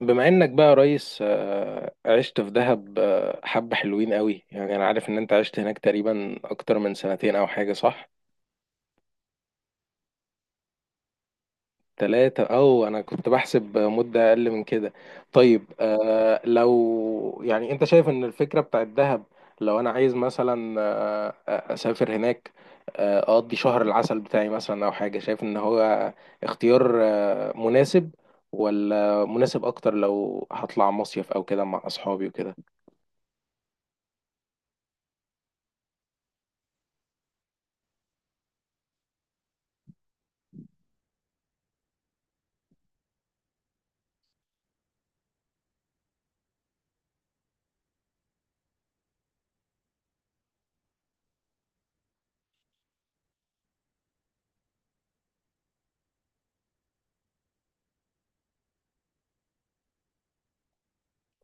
بما انك بقى يا ريس، عشت في دهب، حبة حلوين قوي، يعني انا عارف ان انت عشت هناك تقريبا اكتر من سنتين او حاجة، صح؟ ثلاثة؟ او انا كنت بحسب مدة اقل من كده. طيب، لو يعني انت شايف ان الفكرة بتاعت دهب، لو انا عايز مثلا اسافر هناك، اقضي شهر العسل بتاعي مثلا او حاجة، شايف ان هو اختيار مناسب ولا مناسب اكتر لو هطلع مصيف او كده مع اصحابي وكده؟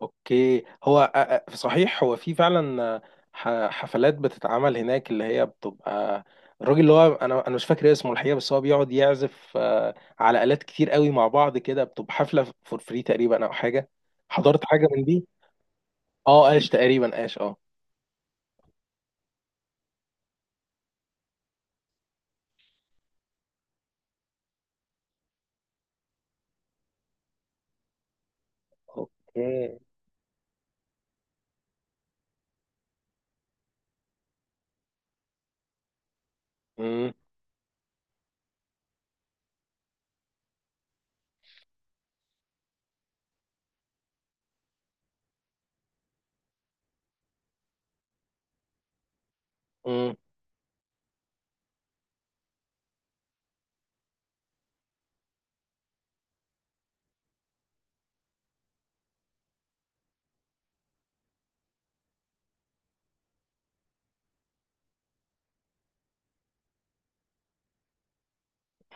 اوكي، هو صحيح، هو في فعلا حفلات بتتعمل هناك، اللي هي بتبقى الراجل اللي هو انا مش فاكر اسمه الحقيقه، بس هو بيقعد يعزف على آلات كتير قوي مع بعض كده، بتبقى حفله فور فري تقريبا او حاجه. حضرت حاجه من دي؟ اه، قاش تقريبا، قاش، اه. اوكي. مم، مم،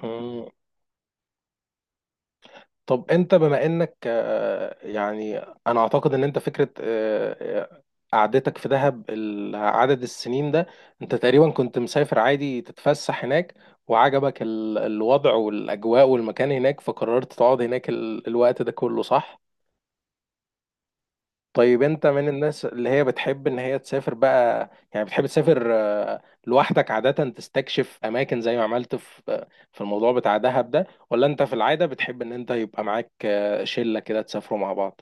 مم. طب انت بما انك، يعني انا اعتقد ان انت فكره، قعدتك في دهب، عدد السنين ده، انت تقريبا كنت مسافر عادي تتفسح هناك، وعجبك الوضع والاجواء والمكان هناك، فقررت تقعد هناك الوقت ده كله، صح؟ طيب، انت من الناس اللي هي بتحب ان هي تسافر بقى؟ يعني بتحب تسافر لوحدك عادة تستكشف اماكن زي ما عملت في، في الموضوع بتاع دهب ده، ولا انت في العادة بتحب ان انت يبقى معاك شلة كده تسافروا مع بعض؟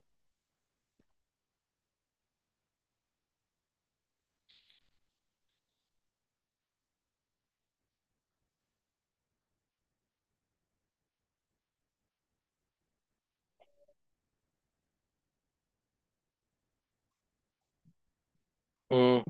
امم.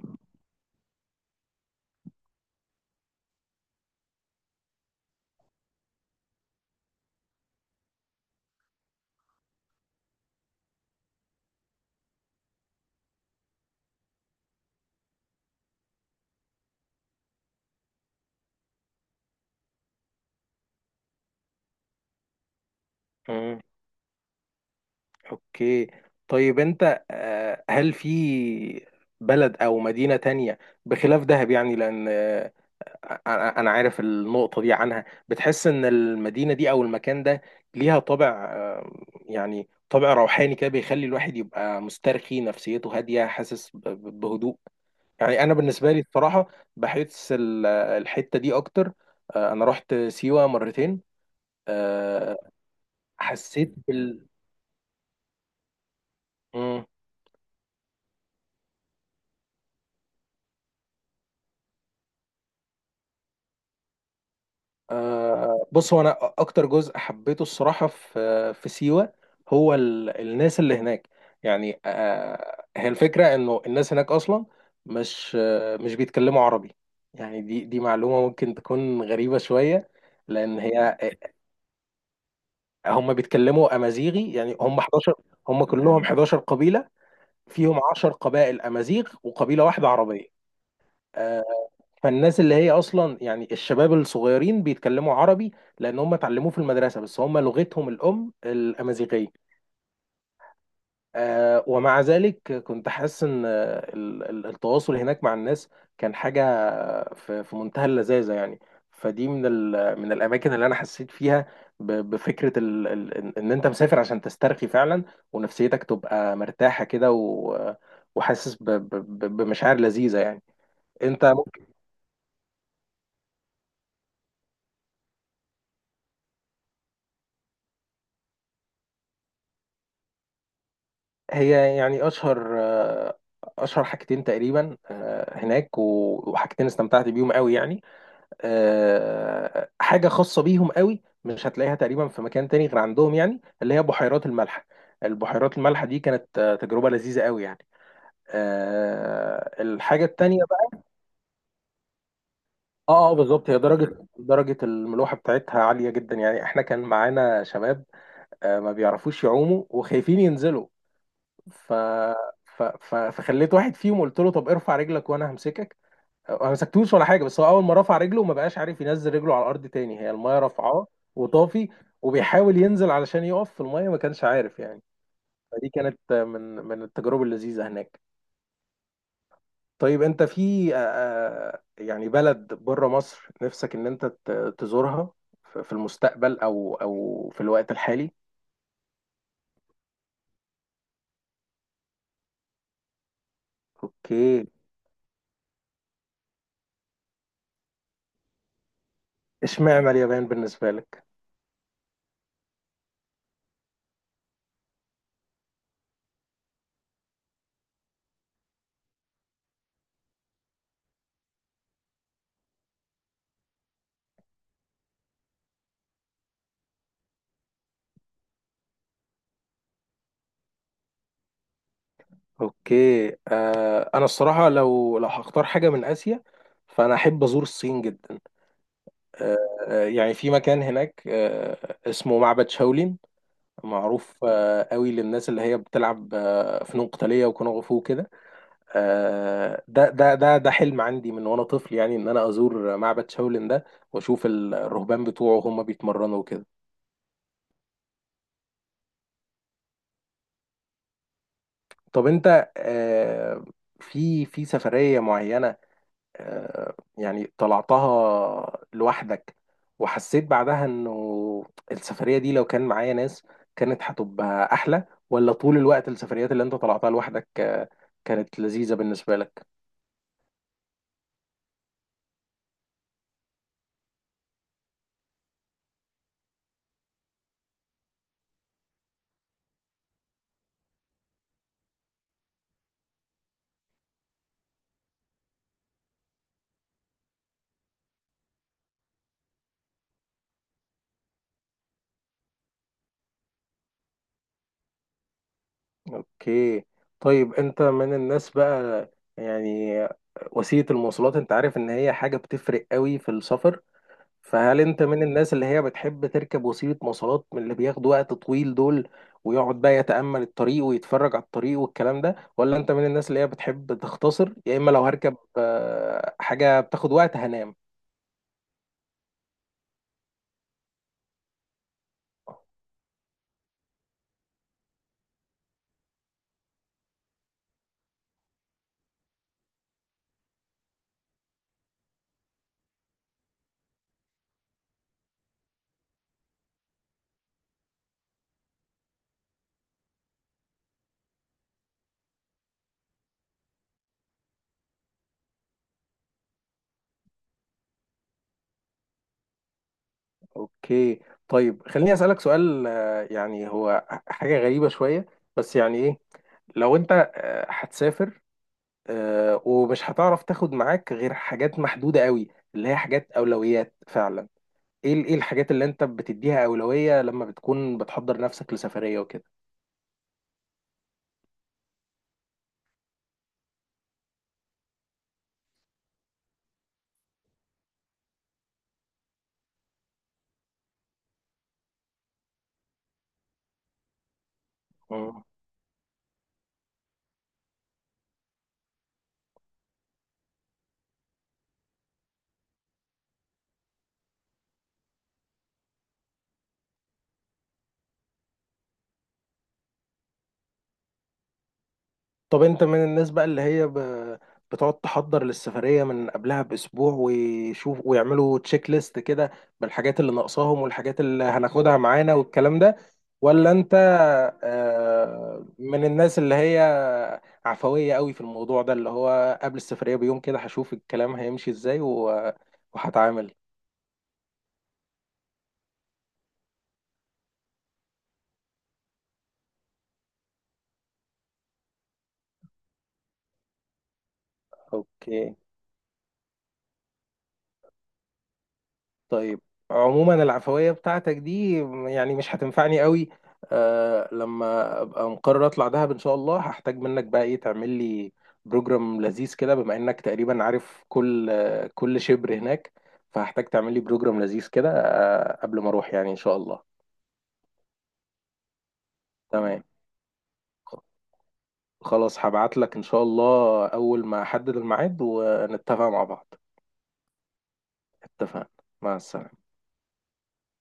امم. اوكي. طيب انت، هل في بلد او مدينة تانية بخلاف دهب؟ يعني لان أنا عارف النقطه دي، عنها بتحس ان المدينه دي او المكان ده ليها طابع، يعني طابع روحاني كده بيخلي الواحد يبقى مسترخي، نفسيته هاديه، حاسس بهدوء. يعني انا بالنسبه لي الصراحه بحس الحته دي اكتر. انا رحت سيوه مرتين. آه، حسيت بال... إمم. بص، هو انا اكتر جزء حبيته الصراحه في، في سيوه، هو الناس اللي هناك. يعني هي الفكره انه الناس هناك اصلا مش، مش بيتكلموا عربي. يعني دي معلومه ممكن تكون غريبه شويه. لان هي، هم بيتكلموا امازيغي. يعني هم 11، هم كلهم 11 قبيله، فيهم 10 قبائل امازيغ وقبيله واحده عربيه. آه، فالناس اللي هي اصلا يعني الشباب الصغيرين بيتكلموا عربي لان هم اتعلموه في المدرسه، بس هم لغتهم الام الامازيغيه. آه، ومع ذلك كنت حاسس ان، التواصل هناك مع الناس كان حاجه في في منتهى اللذاذه يعني. فدي من، من الاماكن اللي انا حسيت فيها بفكره، ال- ال- ان إن انت مسافر عشان تسترخي فعلا، ونفسيتك تبقى مرتاحه كده، وحاسس بمشاعر لذيذه يعني. انت، هي يعني اشهر، اشهر حاجتين تقريبا هناك، وحاجتين استمتعت بيهم قوي يعني. حاجه خاصه بيهم قوي مش هتلاقيها تقريبا في مكان تاني غير عندهم، يعني اللي هي بحيرات الملح. البحيرات الملح دي كانت تجربه لذيذه قوي يعني. الحاجه التانيه بقى. اه اه، بالظبط، هي درجه الملوحه بتاعتها عاليه جدا. يعني احنا كان معانا شباب ما بيعرفوش يعوموا وخايفين ينزلوا، ف... فخليت واحد فيهم، قلت له طب ارفع رجلك وانا همسكك. ما مسكتوش ولا حاجه، بس هو اول ما رفع رجله ما بقاش عارف ينزل رجله على الارض تاني، هي المايه رافعاه وطافي، وبيحاول ينزل علشان يقف في المايه، ما كانش عارف يعني. فدي كانت من التجارب اللذيذه هناك. طيب انت في، آه، أه، يعني بلد بره مصر نفسك ان انت تزورها في في المستقبل، او في الوقت الحالي؟ اوكي. اشمعنى اليابان بالنسبه لك؟ اوكي. آه، انا الصراحه، لو هختار حاجه من اسيا، فانا احب ازور الصين جدا. آه. يعني في مكان هناك آه اسمه معبد شاولين، معروف آه قوي للناس اللي هي بتلعب آه فنون قتاليه وكونغ فو كده. آه، ده حلم عندي من وانا طفل، يعني ان انا ازور معبد شاولين ده، واشوف الرهبان بتوعه هم بيتمرنوا وكده. طب انت آه، في سفريه معينه يعني طلعتها لوحدك، وحسيت بعدها انه السفرية دي لو كان معايا ناس كانت هتبقى احلى، ولا طول الوقت السفريات اللي انت طلعتها لوحدك كانت لذيذة بالنسبة لك؟ اوكي. طيب انت من الناس بقى، يعني وسيلة المواصلات، انت عارف ان هي حاجة بتفرق قوي في السفر، فهل انت من الناس اللي هي بتحب تركب وسيلة مواصلات من اللي بياخدوا وقت طويل دول، ويقعد بقى يتأمل الطريق ويتفرج على الطريق والكلام ده، ولا انت من الناس اللي هي بتحب تختصر، يا اما لو هركب حاجة بتاخد وقت هنام؟ اوكي. طيب خليني اسالك سؤال، يعني هو حاجه غريبه شويه، بس يعني ايه، لو انت هتسافر ومش هتعرف تاخد معاك غير حاجات محدوده قوي، اللي هي حاجات اولويات فعلا، ايه ايه الحاجات اللي انت بتديها اولوية لما بتكون بتحضر نفسك لسفرية وكده؟ مم. طب انت من الناس بقى اللي هي، بتقعد تحضر للسفرية من قبلها بأسبوع ويشوف ويعملوا تشيك ليست كده بالحاجات اللي ناقصاهم والحاجات اللي هناخدها معانا والكلام ده، ولا انت من الناس اللي هي عفوية قوي في الموضوع ده، اللي هو قبل السفرية بيوم كده هشوف الكلام هيمشي ازاي، وهتعامل؟ اوكي. طيب عموما العفوية بتاعتك دي يعني مش هتنفعني قوي. آه، لما ابقى مقرر اطلع دهب ان شاء الله، هحتاج منك بقى ايه، تعمل لي بروجرام لذيذ كده بما انك تقريبا عارف كل آه كل شبر هناك، فهحتاج تعمل لي بروجرام لذيذ كده آه قبل ما اروح يعني ان شاء الله. تمام. خلاص، هبعت لك ان شاء الله اول ما احدد الميعاد ونتفق مع بعض. اتفقنا. مع السلامة.